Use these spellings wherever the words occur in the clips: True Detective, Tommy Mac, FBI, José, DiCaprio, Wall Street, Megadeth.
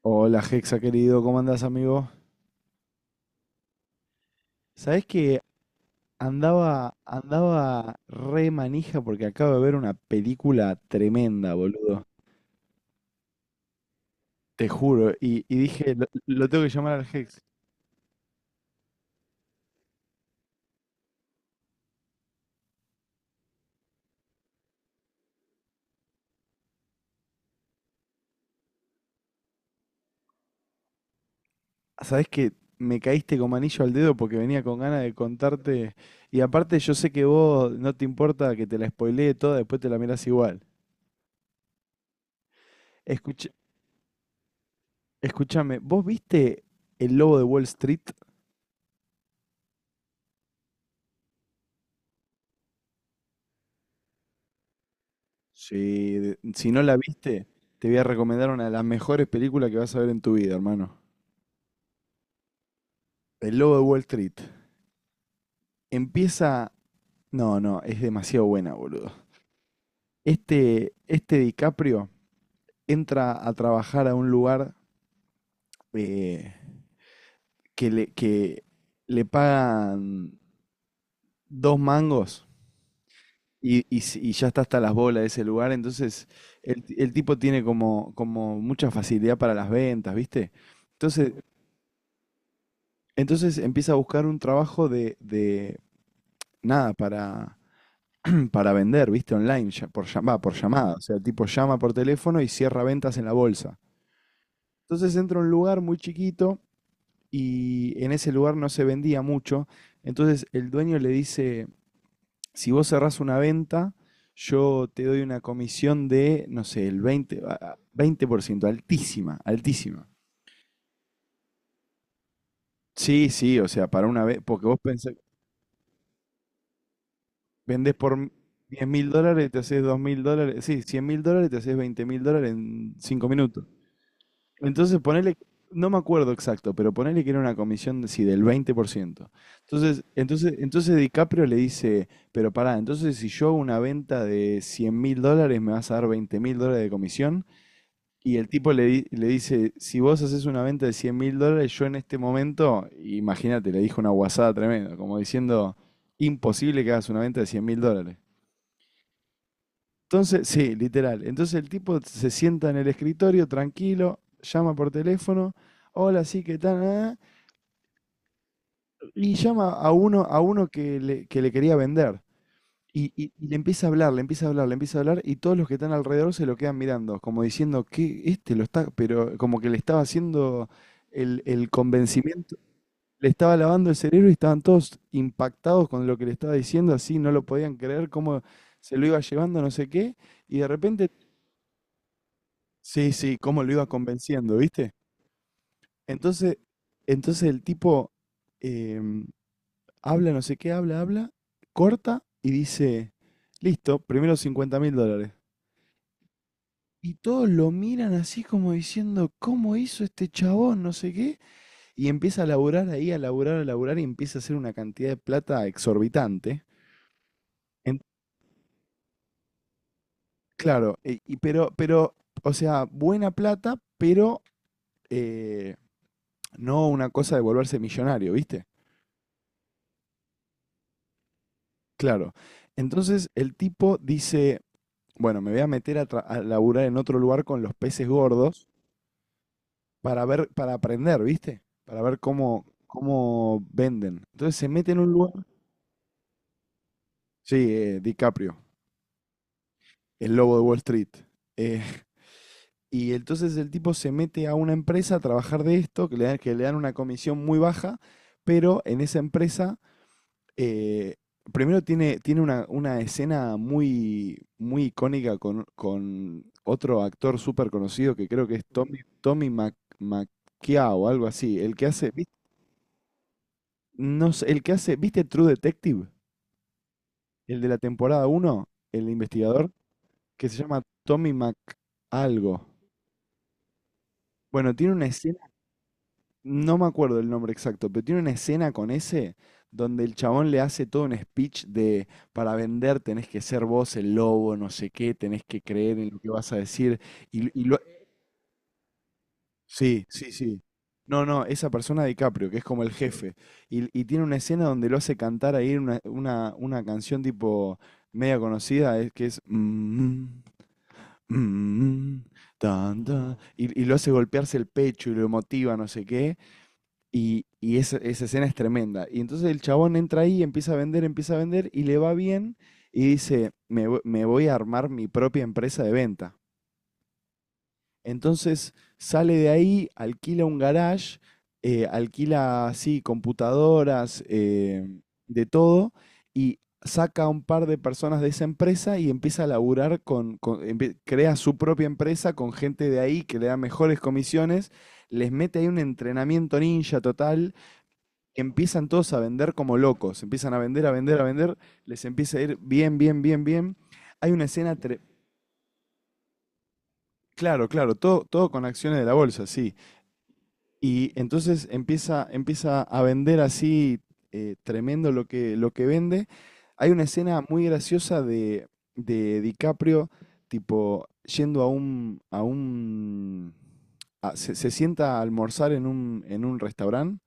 Hola, Hexa querido, ¿cómo andás, amigo? ¿Sabés que andaba re manija porque acabo de ver una película tremenda, boludo? Te juro. Y dije, lo tengo que llamar al Hex. ¿Sabés que me caíste como anillo al dedo porque venía con ganas de contarte? Y aparte, yo sé que vos no te importa que te la spoilee toda, después te la mirás igual. Escucha, escúchame, ¿vos viste El Lobo de Wall Street? Sí, si no la viste, te voy a recomendar una de las mejores películas que vas a ver en tu vida, hermano. El Lobo de Wall Street. Empieza... No, no, es demasiado buena, boludo. Este DiCaprio entra a trabajar a un lugar eh, que le pagan dos mangos y ya está hasta las bolas de ese lugar. Entonces, el tipo tiene como mucha facilidad para las ventas, ¿viste? Entonces, Entonces empieza a buscar un trabajo de nada, para vender, ¿viste? Online, por llamada. O sea, el tipo llama por teléfono y cierra ventas en la bolsa. Entonces entra a un lugar muy chiquito y en ese lugar no se vendía mucho. Entonces el dueño le dice, si vos cerrás una venta, yo te doy una comisión de, no sé, el 20, 20% altísima, altísima. Sí, sí, o sea, para una vez, porque vos pensás, vendes por $10.000, te haces $2.000, sí, $100.000, te haces $20.000 en 5 minutos. Entonces ponele, no me acuerdo exacto, pero ponele que era una comisión de, sí, del 20%. Entonces DiCaprio le dice, pero pará, entonces si yo hago una venta de $100.000 me vas a dar $20.000 de comisión. Y el tipo le dice, si vos haces una venta de 100 mil dólares, yo en este momento, imagínate, le dijo una guasada tremenda, como diciendo, imposible que hagas una venta de 100 mil dólares. Entonces, sí, literal. Entonces el tipo se sienta en el escritorio tranquilo, llama por teléfono, hola, sí, ¿qué tal? Ah, y llama a uno que le quería vender. Y le empieza a hablar, le empieza a hablar, le empieza a hablar, y todos los que están alrededor se lo quedan mirando, como diciendo que este lo está, pero como que le estaba haciendo el convencimiento, le estaba lavando el cerebro y estaban todos impactados con lo que le estaba diciendo, así no lo podían creer, cómo se lo iba llevando, no sé qué, y de repente. Sí, sí, cómo lo iba convenciendo, ¿viste? Entonces, entonces el tipo em, habla, no sé qué, habla, habla, corta y dice, listo, primero $50.000. Y todos lo miran así como diciendo, ¿cómo hizo este chabón? No sé qué. Y empieza a laburar ahí, a laburar y empieza a hacer una cantidad de plata exorbitante. En- claro, y, pero, o sea, buena plata, pero eh, no una cosa de volverse millonario, ¿viste? Claro. Entonces el tipo dice, bueno, me voy a meter a laburar en otro lugar con los peces gordos para ver, para aprender, ¿viste? Para ver cómo venden. Entonces se mete en un lugar. Sí, DiCaprio, el lobo de Wall Street. Eh, y entonces el tipo se mete a una empresa a trabajar de esto, que le dan una comisión muy baja, pero en esa empresa. Eh, Primero tiene una escena muy, muy icónica con otro actor súper conocido que creo que es Tommy Macchia o algo así. El que hace, ¿viste? No sé, el que hace, ¿viste True Detective? El de la temporada uno, el investigador, que se llama Tommy Mac algo. Bueno, tiene una escena. No me acuerdo el nombre exacto, pero tiene una escena con ese donde el chabón le hace todo un speech de, para vender tenés que ser vos el lobo, no sé qué, tenés que creer en lo que vas a decir. Y, y lo- sí, sí, sí. No, no, esa persona DiCaprio, que es como el jefe. Y tiene una escena donde lo hace cantar ahí una canción tipo media conocida, es que es "Mm, mm, mm, tan, tan", y lo hace golpearse el pecho y lo motiva, no sé qué. Y esa escena es tremenda. Y entonces el chabón entra ahí, empieza a vender y le va bien y dice, me voy a armar mi propia empresa de venta. Entonces sale de ahí, alquila un garage, alquila así computadoras, de todo y saca a un par de personas de esa empresa y empieza a laburar crea su propia empresa con gente de ahí que le da mejores comisiones, les mete ahí un entrenamiento ninja total. Empiezan todos a vender como locos, empiezan a vender, a vender, a vender, les empieza a ir bien, bien, bien, bien. Hay una escena, claro, claro, todo, todo con acciones de la bolsa, sí. Y entonces empieza a vender así, tremendo lo que, vende. Hay una escena muy graciosa de DiCaprio, tipo, yendo a un se sienta a almorzar en un restaurante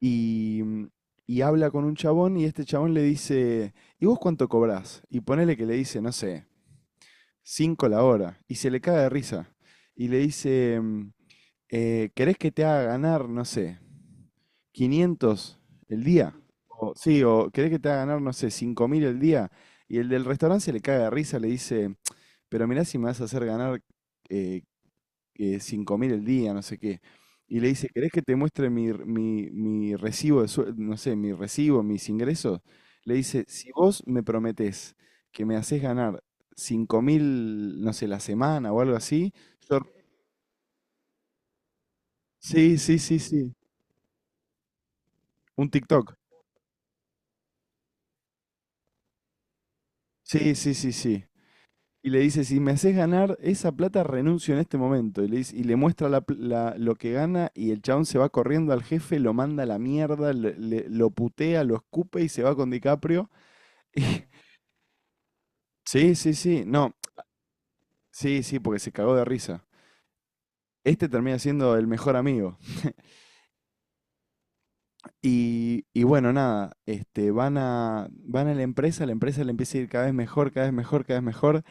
y, mm, y habla con un chabón y este chabón le dice, ¿y vos cuánto cobrás? Y ponele que le dice, no sé, 5 la hora. Y se le cae de risa. Y le dice, ¿querés que te haga ganar, no sé, 500 el día? O, sí, o ¿querés que te haga ganar, no sé, 5.000 el día? Y el del restaurante se le cae de risa, le dice, pero mirá si me vas a hacer ganar eh, 5 mil el día, no sé qué. Y le dice, ¿querés que te muestre mi recibo no sé, mi recibo, mis ingresos? Le dice, si vos me prometés que me haces ganar 5.000, no sé, la semana o algo así, yo- sí, sí, sí, sí. Un TikTok. Sí, sí, sí, sí. Y le dice, si me haces ganar esa plata, renuncio en este momento. Y le muestra la lo que gana y el chabón se va corriendo al jefe, lo manda a la mierda, lo putea, lo escupe y se va con DiCaprio. Y- Sí, sí, sí, no, sí, sí, porque se cagó de risa. Este termina siendo el mejor amigo. Y bueno, nada, van a la empresa le empieza a ir cada vez mejor, cada vez mejor, cada vez mejor.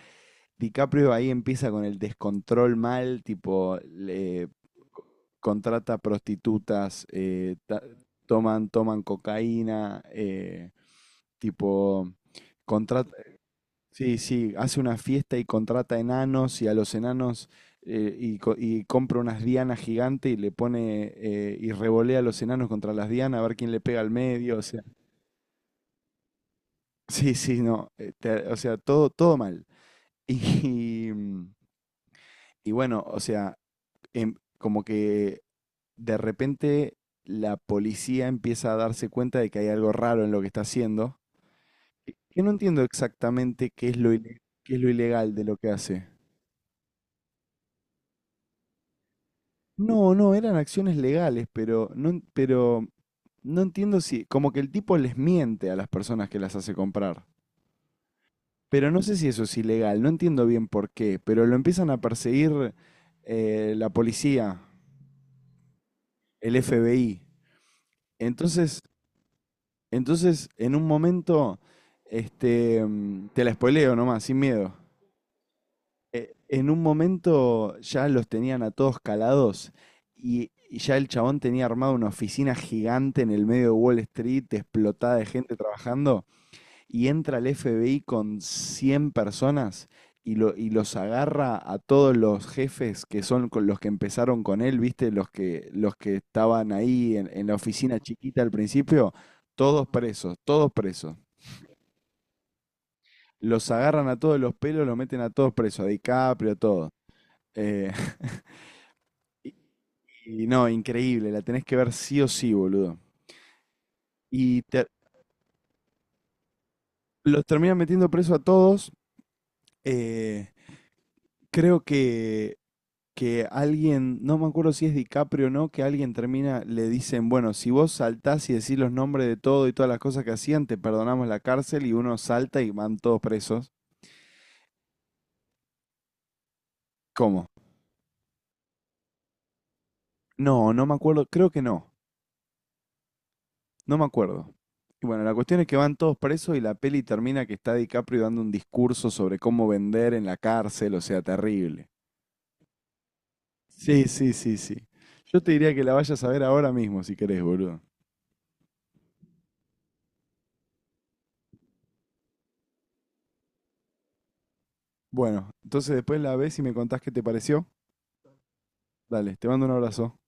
DiCaprio ahí empieza con el descontrol mal, tipo, co- contrata prostitutas, toman cocaína, tipo, contrata, sí, sí, hace una fiesta y contrata enanos y a los enanos y compra unas dianas gigantes y le pone, y revolea a los enanos contra las dianas a ver quién le pega al medio, o sea, sí, sí, no, o sea, todo, todo mal. Y, mm, y bueno, o sea, como que de repente la policía empieza a darse cuenta de que hay algo raro en lo que está haciendo, que no entiendo exactamente qué es qué es lo ilegal de lo que hace. No, no, eran acciones legales, pero no, pero no entiendo si, como que el tipo les miente a las personas que las hace comprar. Pero no sé si eso es ilegal, no entiendo bien por qué, pero lo empiezan a perseguir, la policía, el FBI. Entonces, entonces, en un momento, te la spoileo nomás, sin miedo. En un momento ya los tenían a todos calados, y ya el chabón tenía armado una oficina gigante en el medio de Wall Street, explotada de gente trabajando, y entra el FBI con 100 personas y los agarra a todos los jefes que son con los que empezaron con él, ¿viste? Los que estaban ahí en la oficina chiquita al principio, todos presos, todos presos. Los agarran a todos los pelos, los meten a todos presos, a DiCaprio, a todos. Eh, Y no, increíble, la tenés que ver sí o sí, boludo. Y te- los terminan metiendo preso a todos. eh, creo que alguien, no me acuerdo si es DiCaprio o no, que alguien termina, le dicen, bueno, si vos saltás y decís los nombres de todo y todas las cosas que hacían, te perdonamos la cárcel y uno salta y van todos presos. ¿Cómo? No, no me acuerdo, creo que no, no me acuerdo. Y bueno, la cuestión es que van todos presos y la peli termina que está DiCaprio dando un discurso sobre cómo vender en la cárcel, o sea, terrible. Sí, sí, sí, sí. Yo te diría que la vayas a ver ahora mismo si querés, boludo. Bueno, entonces después la ves y me contás qué te pareció. Dale, te mando un abrazo.